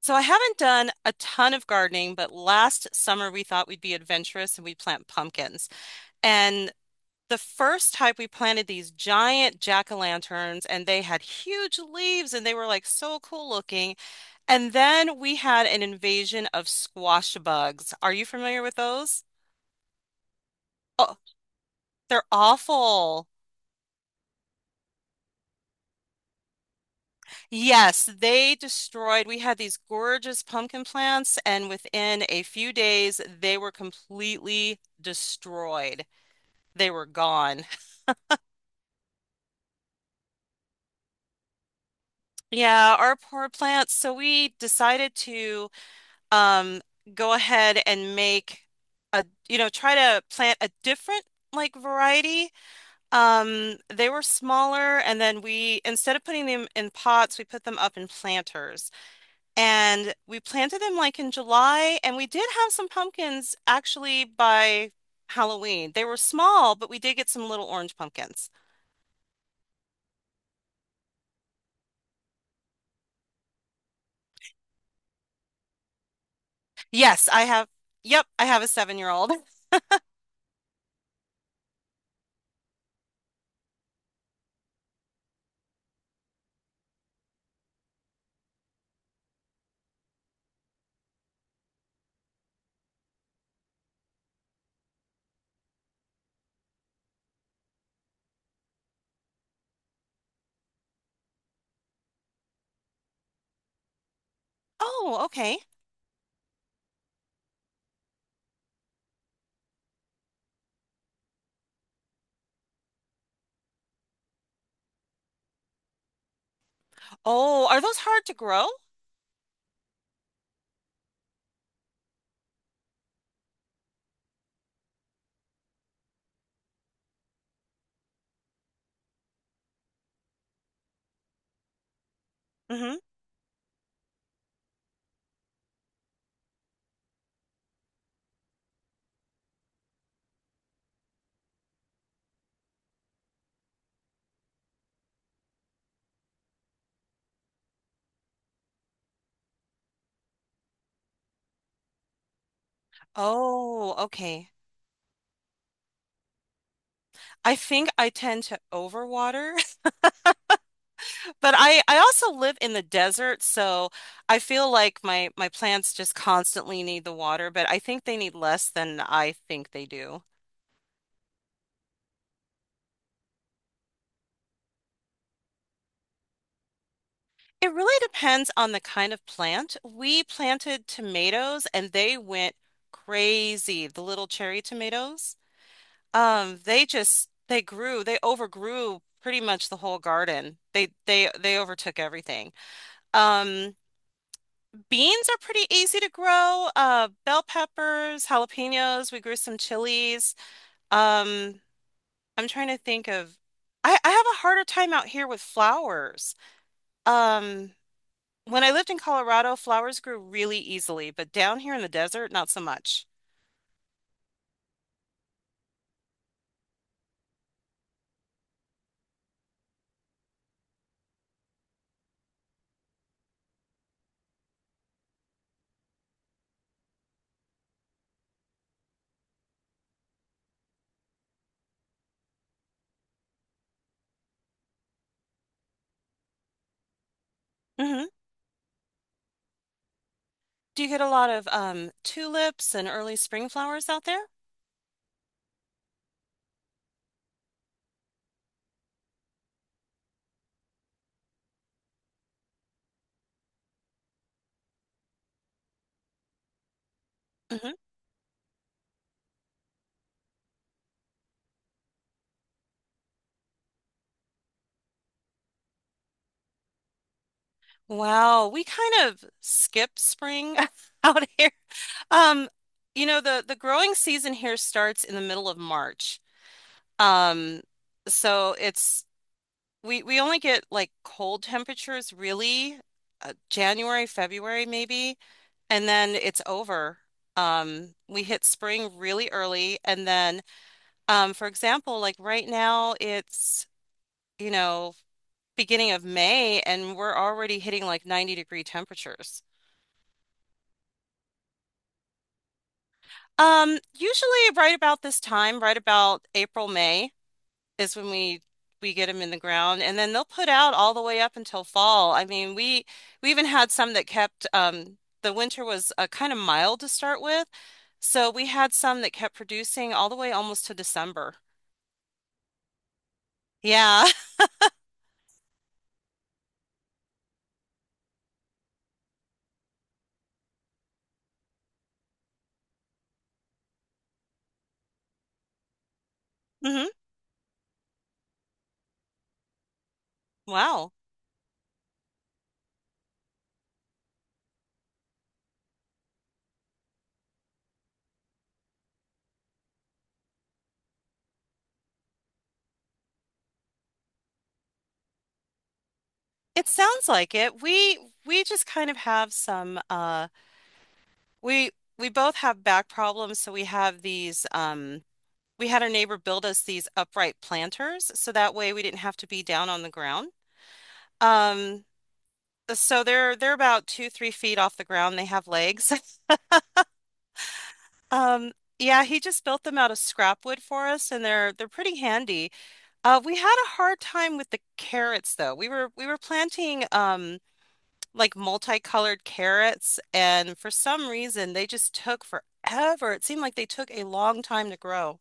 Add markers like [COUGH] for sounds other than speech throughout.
So I haven't done a ton of gardening, but last summer we thought we'd be adventurous and we'd plant pumpkins. And the first type, we planted these giant jack-o'-lanterns and they had huge leaves and they were like so cool looking. And then we had an invasion of squash bugs. Are you familiar with those? Oh, they're awful. Yes, they destroyed. We had these gorgeous pumpkin plants, and within a few days, they were completely destroyed. They were gone. Yeah, our poor plants. So we decided to um, go ahead and make a, try to plant a different like variety. They were smaller, and then we, instead of putting them in pots, we put them up in planters. And we planted them like in July, and we did have some pumpkins actually by Halloween. They were small, but we did get some little orange pumpkins. Yes, I have. Yep, I have a seven-year-old. Oh, okay. Oh, are those hard to grow? Hmm. Oh, okay. I think I tend to overwater, [LAUGHS] but I also live in the desert, so I feel like my plants just constantly need the water, but I think they need less than I think they do. It really depends on the kind of plant. We planted tomatoes and they went crazy, the little cherry tomatoes. They just they overgrew pretty much the whole garden. They overtook everything. Um, Beans are pretty easy to grow. Bell peppers, jalapenos, we grew some chilies. Um, I'm trying to think of I have a harder time out here with flowers. Um, when I lived in Colorado, flowers grew really easily, but down here in the desert, not so much. Mm-hmm. Do you get a lot of tulips and early spring flowers out there? Hmm. Wow, we kind of skip spring [LAUGHS] out here. Um, the growing season here starts in the middle of March. Um, so it's we only get like cold temperatures really January, February maybe, and then it's over. We hit spring really early, and then for example, like right now it's, you know, beginning of May and we're already hitting like 90-degree temperatures. Usually right about this time, right about April, May, is when we get them in the ground and then they'll put out all the way up until fall. I mean, we even had some that kept the winter was kind of mild to start with, so we had some that kept producing all the way almost to December. Yeah. [LAUGHS] Hmm. Wow. It sounds like it. We just kind of have some we we both have back problems, so we have these we had our neighbor build us these upright planters so that way we didn't have to be down on the ground. Um So they're about two, 3 feet off the ground. They have legs. [LAUGHS] Um, yeah, he just built them out of scrap wood for us, and they're pretty handy. We had a hard time with the carrots though. We were planting like multicolored carrots, and for some reason they just took forever. It seemed like they took a long time to grow.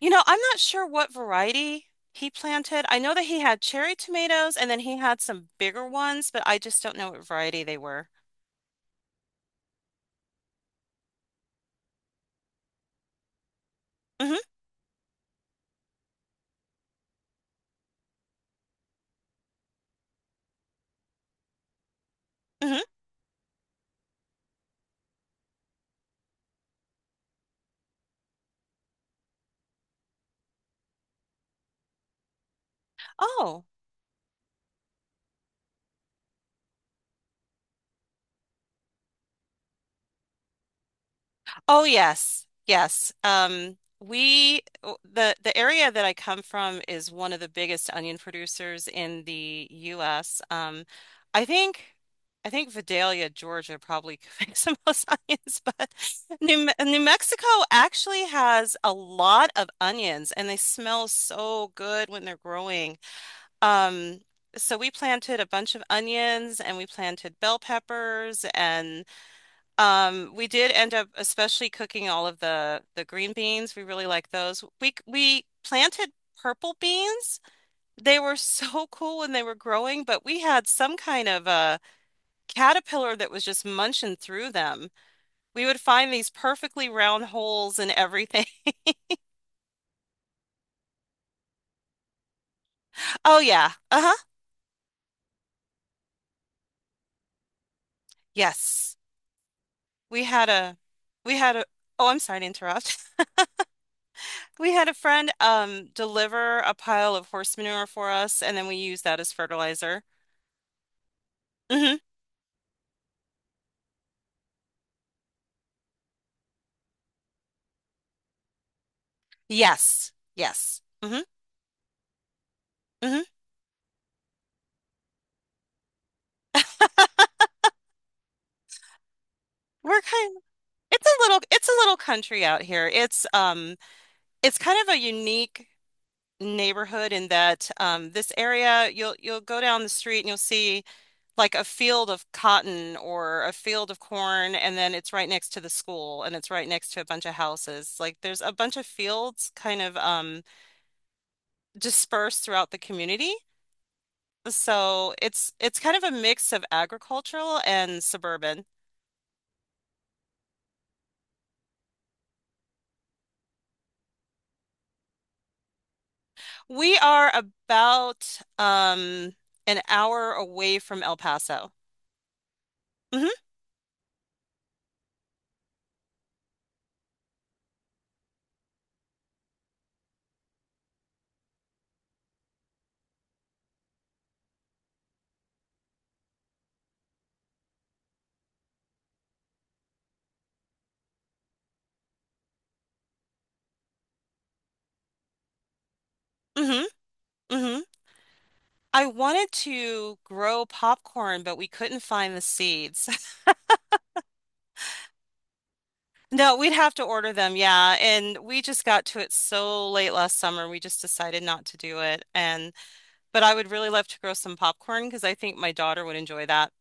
You know, I'm not sure what variety he planted. I know that he had cherry tomatoes, and then he had some bigger ones, but I just don't know what variety they were. Hmm. Hmm. Oh, oh yes, yes. The area that I come from is one of the biggest onion producers in the U.S. I think I think Vidalia, Georgia, probably [LAUGHS] makes the most [LAUGHS] onions, but New Mexico actually has a lot of onions, and they smell so good when they're growing. Um, so we planted a bunch of onions, and we planted bell peppers. We did end up especially cooking all of the green beans. We really like those. We planted purple beans. They were [LAUGHS] so cool when they were growing, but we had some kind of a caterpillar that was just munching through them. We would find these perfectly round holes in everything. [LAUGHS] Oh yeah. Uh-huh. Yes. We had a we had a Oh, I'm sorry to interrupt. [LAUGHS] We had a friend deliver a pile of horse manure for us, and then we used that as fertilizer. Mhm. Yes. Yes. Hmm. Hmm. We're kind it's a little country out here. It's kind of a unique neighborhood in that this area you'll go down the street and you'll see like a field of cotton or a field of corn and then it's right next to the school and it's right next to a bunch of houses. Like there's a bunch of fields kind of dispersed throughout the community. So it's kind of a mix of agricultural and suburban. We are about an hour away from El Paso. Hmm. Hmm. Hmm. I wanted to grow popcorn, but we couldn't find the seeds. [LAUGHS] No, we'd have to order them, yeah. And we just got to it so late last summer, we just decided not to do it. And but I would really love to grow some popcorn because I think my daughter would enjoy that.